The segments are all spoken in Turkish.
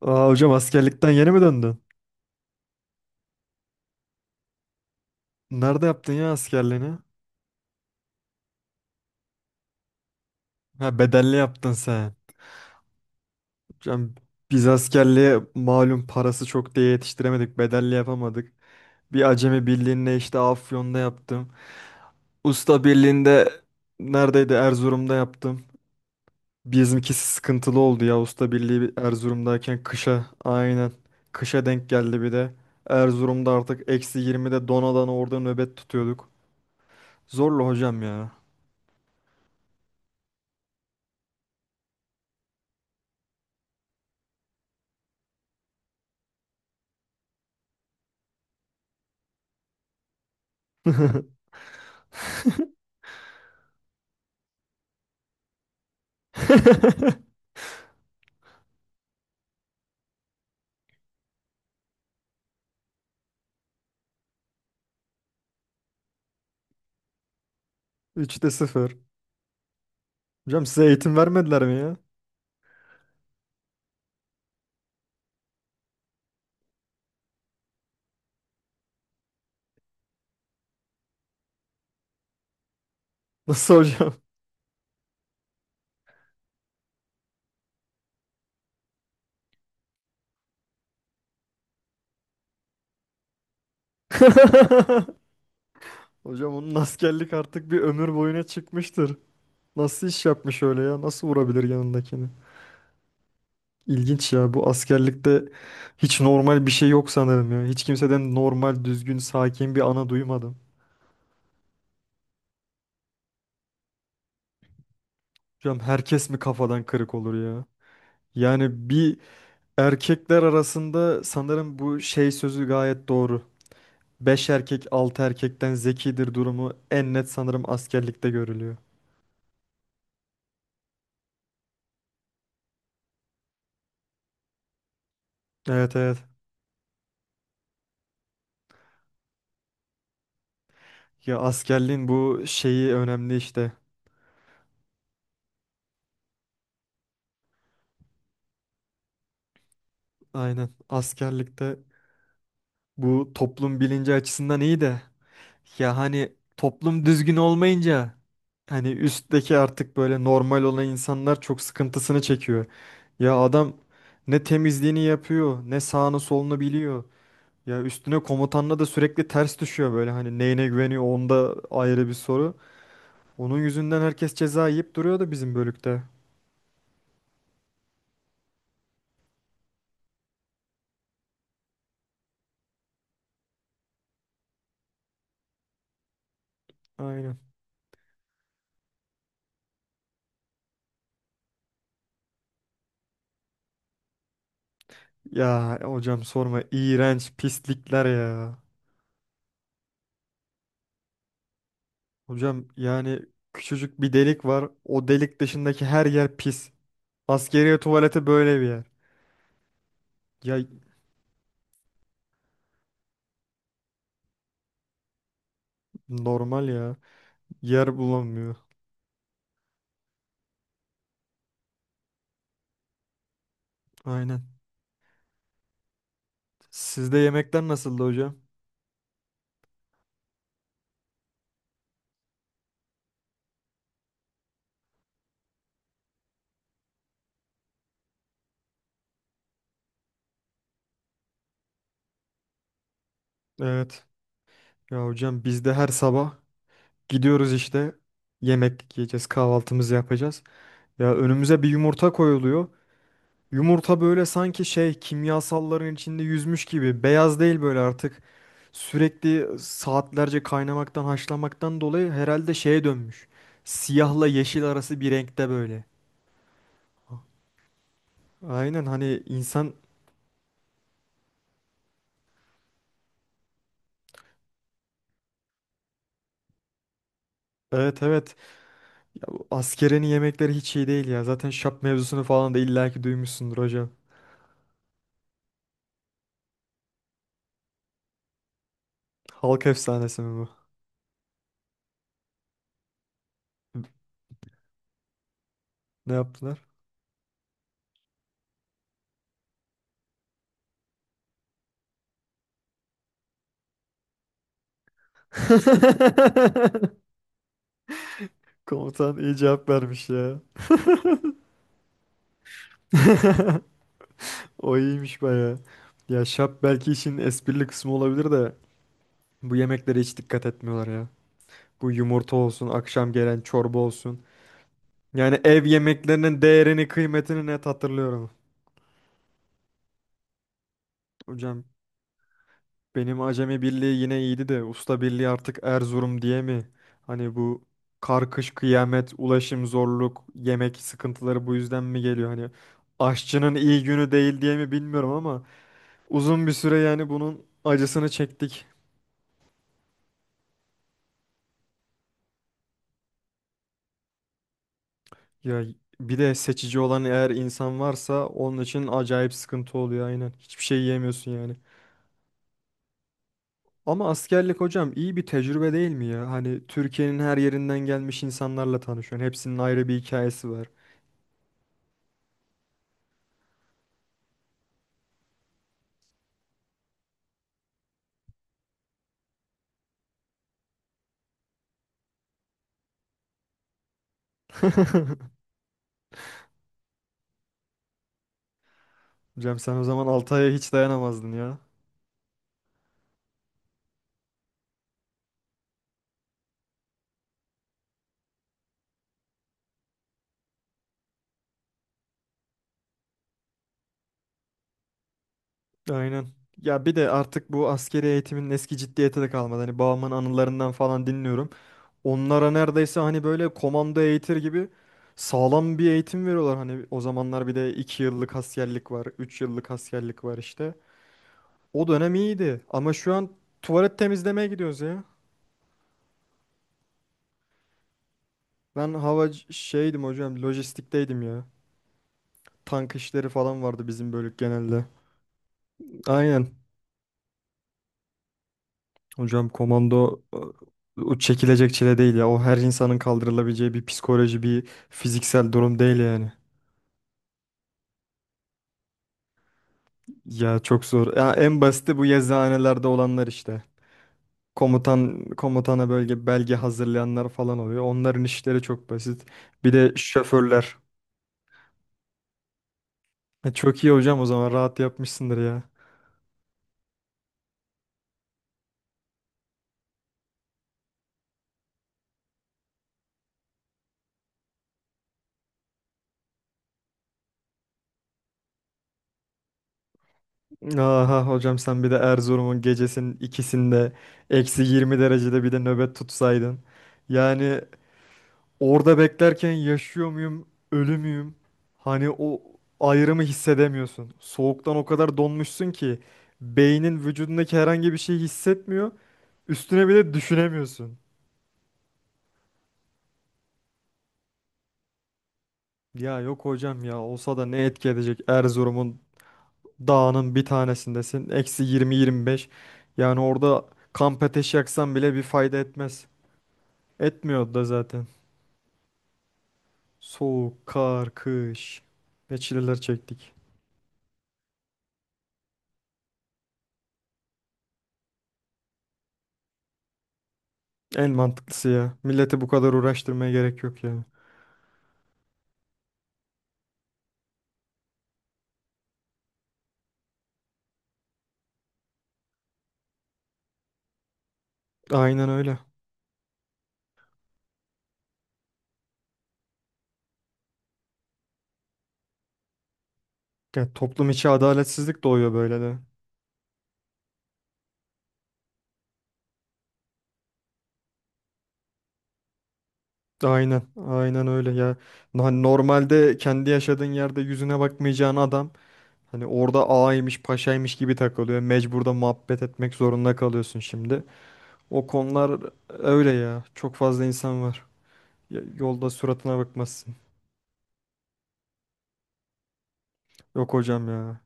Aa hocam, askerlikten yeni mi döndün? Nerede yaptın ya askerliğini? Ha, bedelli yaptın sen. Hocam, biz askerliğe malum parası çok diye yetiştiremedik. Bedelli yapamadık. Bir acemi birliğinde işte Afyon'da yaptım. Usta birliğinde neredeydi? Erzurum'da yaptım. Bizimkisi sıkıntılı oldu ya. Usta birliği bir Erzurum'dayken kışa aynen. Kışa denk geldi bir de. Erzurum'da artık eksi 20'de donadan orada nöbet tutuyorduk. Zorlu hocam ya. Üçte sıfır. Hocam, size eğitim vermediler mi ya? Nasıl hocam? Hocam, onun askerlik artık bir ömür boyuna çıkmıştır. Nasıl iş yapmış öyle ya? Nasıl vurabilir yanındakini? İlginç ya, bu askerlikte hiç normal bir şey yok sanırım ya. Hiç kimseden normal, düzgün, sakin bir ana duymadım. Hocam, herkes mi kafadan kırık olur ya? Yani bir erkekler arasında sanırım bu şey sözü gayet doğru. 5 erkek 6 erkekten zekidir durumu en net sanırım askerlikte görülüyor. Evet, evet. Ya askerliğin bu şeyi önemli işte. Aynen. Askerlikte bu toplum bilinci açısından iyi de ya hani toplum düzgün olmayınca hani üstteki artık böyle normal olan insanlar çok sıkıntısını çekiyor. Ya adam ne temizliğini yapıyor, ne sağını solunu biliyor. Ya üstüne komutanla da sürekli ters düşüyor böyle, hani neyine güveniyor onda ayrı bir soru. Onun yüzünden herkes ceza yiyip duruyordu bizim bölükte. Aynen. Ya hocam sorma, iğrenç pislikler ya. Hocam yani küçücük bir delik var. O delik dışındaki her yer pis. Askeriye tuvaleti böyle bir yer. Ya normal ya. Yer bulamıyor. Aynen. Sizde yemekler nasıldı hocam? Evet. Ya hocam, biz de her sabah gidiyoruz işte. Yemek yiyeceğiz, kahvaltımızı yapacağız. Ya önümüze bir yumurta koyuluyor. Yumurta böyle sanki şey kimyasalların içinde yüzmüş gibi. Beyaz değil böyle artık. Sürekli saatlerce kaynamaktan, haşlamaktan dolayı herhalde şeye dönmüş. Siyahla yeşil arası bir renkte böyle. Aynen, hani insan evet, evet ya, bu askerenin yemekleri hiç iyi değil ya. Zaten şap mevzusunu falan da illaki duymuşsundur hocam. Halk efsanesi mi bu? Ne yaptılar? Komutan iyi cevap vermiş ya. O iyiymiş baya. Ya şap belki işin esprili kısmı olabilir de bu yemeklere hiç dikkat etmiyorlar ya. Bu yumurta olsun, akşam gelen çorba olsun. Yani ev yemeklerinin değerini, kıymetini net hatırlıyorum. Hocam, benim Acemi Birliği yine iyiydi de Usta Birliği artık Erzurum diye mi? Hani bu karkış kıyamet, ulaşım zorluk, yemek sıkıntıları bu yüzden mi geliyor? Hani aşçının iyi günü değil diye mi bilmiyorum ama uzun bir süre yani bunun acısını çektik. Ya bir de seçici olan eğer insan varsa onun için acayip sıkıntı oluyor aynen. Hiçbir şey yiyemiyorsun yani. Ama askerlik hocam iyi bir tecrübe değil mi ya? Hani Türkiye'nin her yerinden gelmiş insanlarla tanışıyorsun. Hepsinin ayrı bir hikayesi var. Hocam sen o zaman 6 aya hiç dayanamazdın ya. Aynen. Ya bir de artık bu askeri eğitimin eski ciddiyeti de kalmadı. Hani babamın anılarından falan dinliyorum. Onlara neredeyse hani böyle komando eğitir gibi sağlam bir eğitim veriyorlar. Hani o zamanlar bir de 2 yıllık askerlik var, 3 yıllık askerlik var işte. O dönem iyiydi ama şu an tuvalet temizlemeye gidiyoruz ya. Ben hava şeydim hocam, lojistikteydim ya. Tank işleri falan vardı bizim bölük genelde. Aynen. Hocam komando o çekilecek çile değil ya. O her insanın kaldırılabileceği bir psikoloji, bir fiziksel durum değil yani. Ya çok zor. Ya en basiti bu yazıhanelerde olanlar işte. Komutan komutana bölge belge hazırlayanlar falan oluyor. Onların işleri çok basit. Bir de şoförler. Çok iyi hocam, o zaman rahat yapmışsındır ya. Aha hocam, sen bir de Erzurum'un gecesinin ikisinde eksi 20 derecede bir de nöbet tutsaydın. Yani orada beklerken yaşıyor muyum, ölü müyüm? Hani o ayrımı hissedemiyorsun. Soğuktan o kadar donmuşsun ki beynin vücudundaki herhangi bir şeyi hissetmiyor. Üstüne bile düşünemiyorsun. Ya yok hocam, ya olsa da ne etki edecek, Erzurum'un dağının bir tanesindesin. Eksi 20-25. Yani orada kamp ateşi yaksan bile bir fayda etmez. Etmiyordu da zaten. Soğuk, kar, kış. Ne çileler çektik. En mantıklısı ya. Milleti bu kadar uğraştırmaya gerek yok ya. Aynen öyle. Ya toplum içi adaletsizlik doğuyor böyle de. Aynen, aynen öyle ya. Normalde kendi yaşadığın yerde yüzüne bakmayacağın adam hani orada ağaymış, paşaymış gibi takılıyor. Mecbur da muhabbet etmek zorunda kalıyorsun şimdi. O konular öyle ya. Çok fazla insan var. Yolda suratına bakmazsın. Yok hocam ya.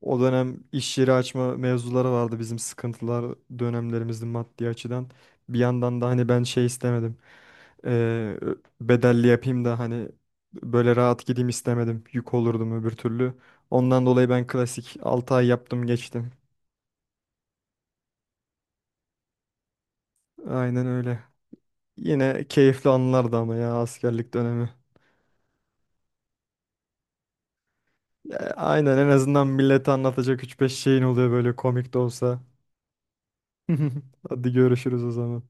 O dönem iş yeri açma mevzuları vardı bizim sıkıntılar dönemlerimizde maddi açıdan. Bir yandan da hani ben şey istemedim. Ee, Bedelli yapayım da hani böyle rahat gideyim istemedim. Yük olurdum öbür türlü. Ondan dolayı ben klasik 6 ay yaptım geçtim. Aynen öyle. Yine keyifli anılardı ama ya askerlik dönemi. Ya, aynen, en azından millete anlatacak üç beş şeyin oluyor böyle komik de olsa. Hadi görüşürüz o zaman.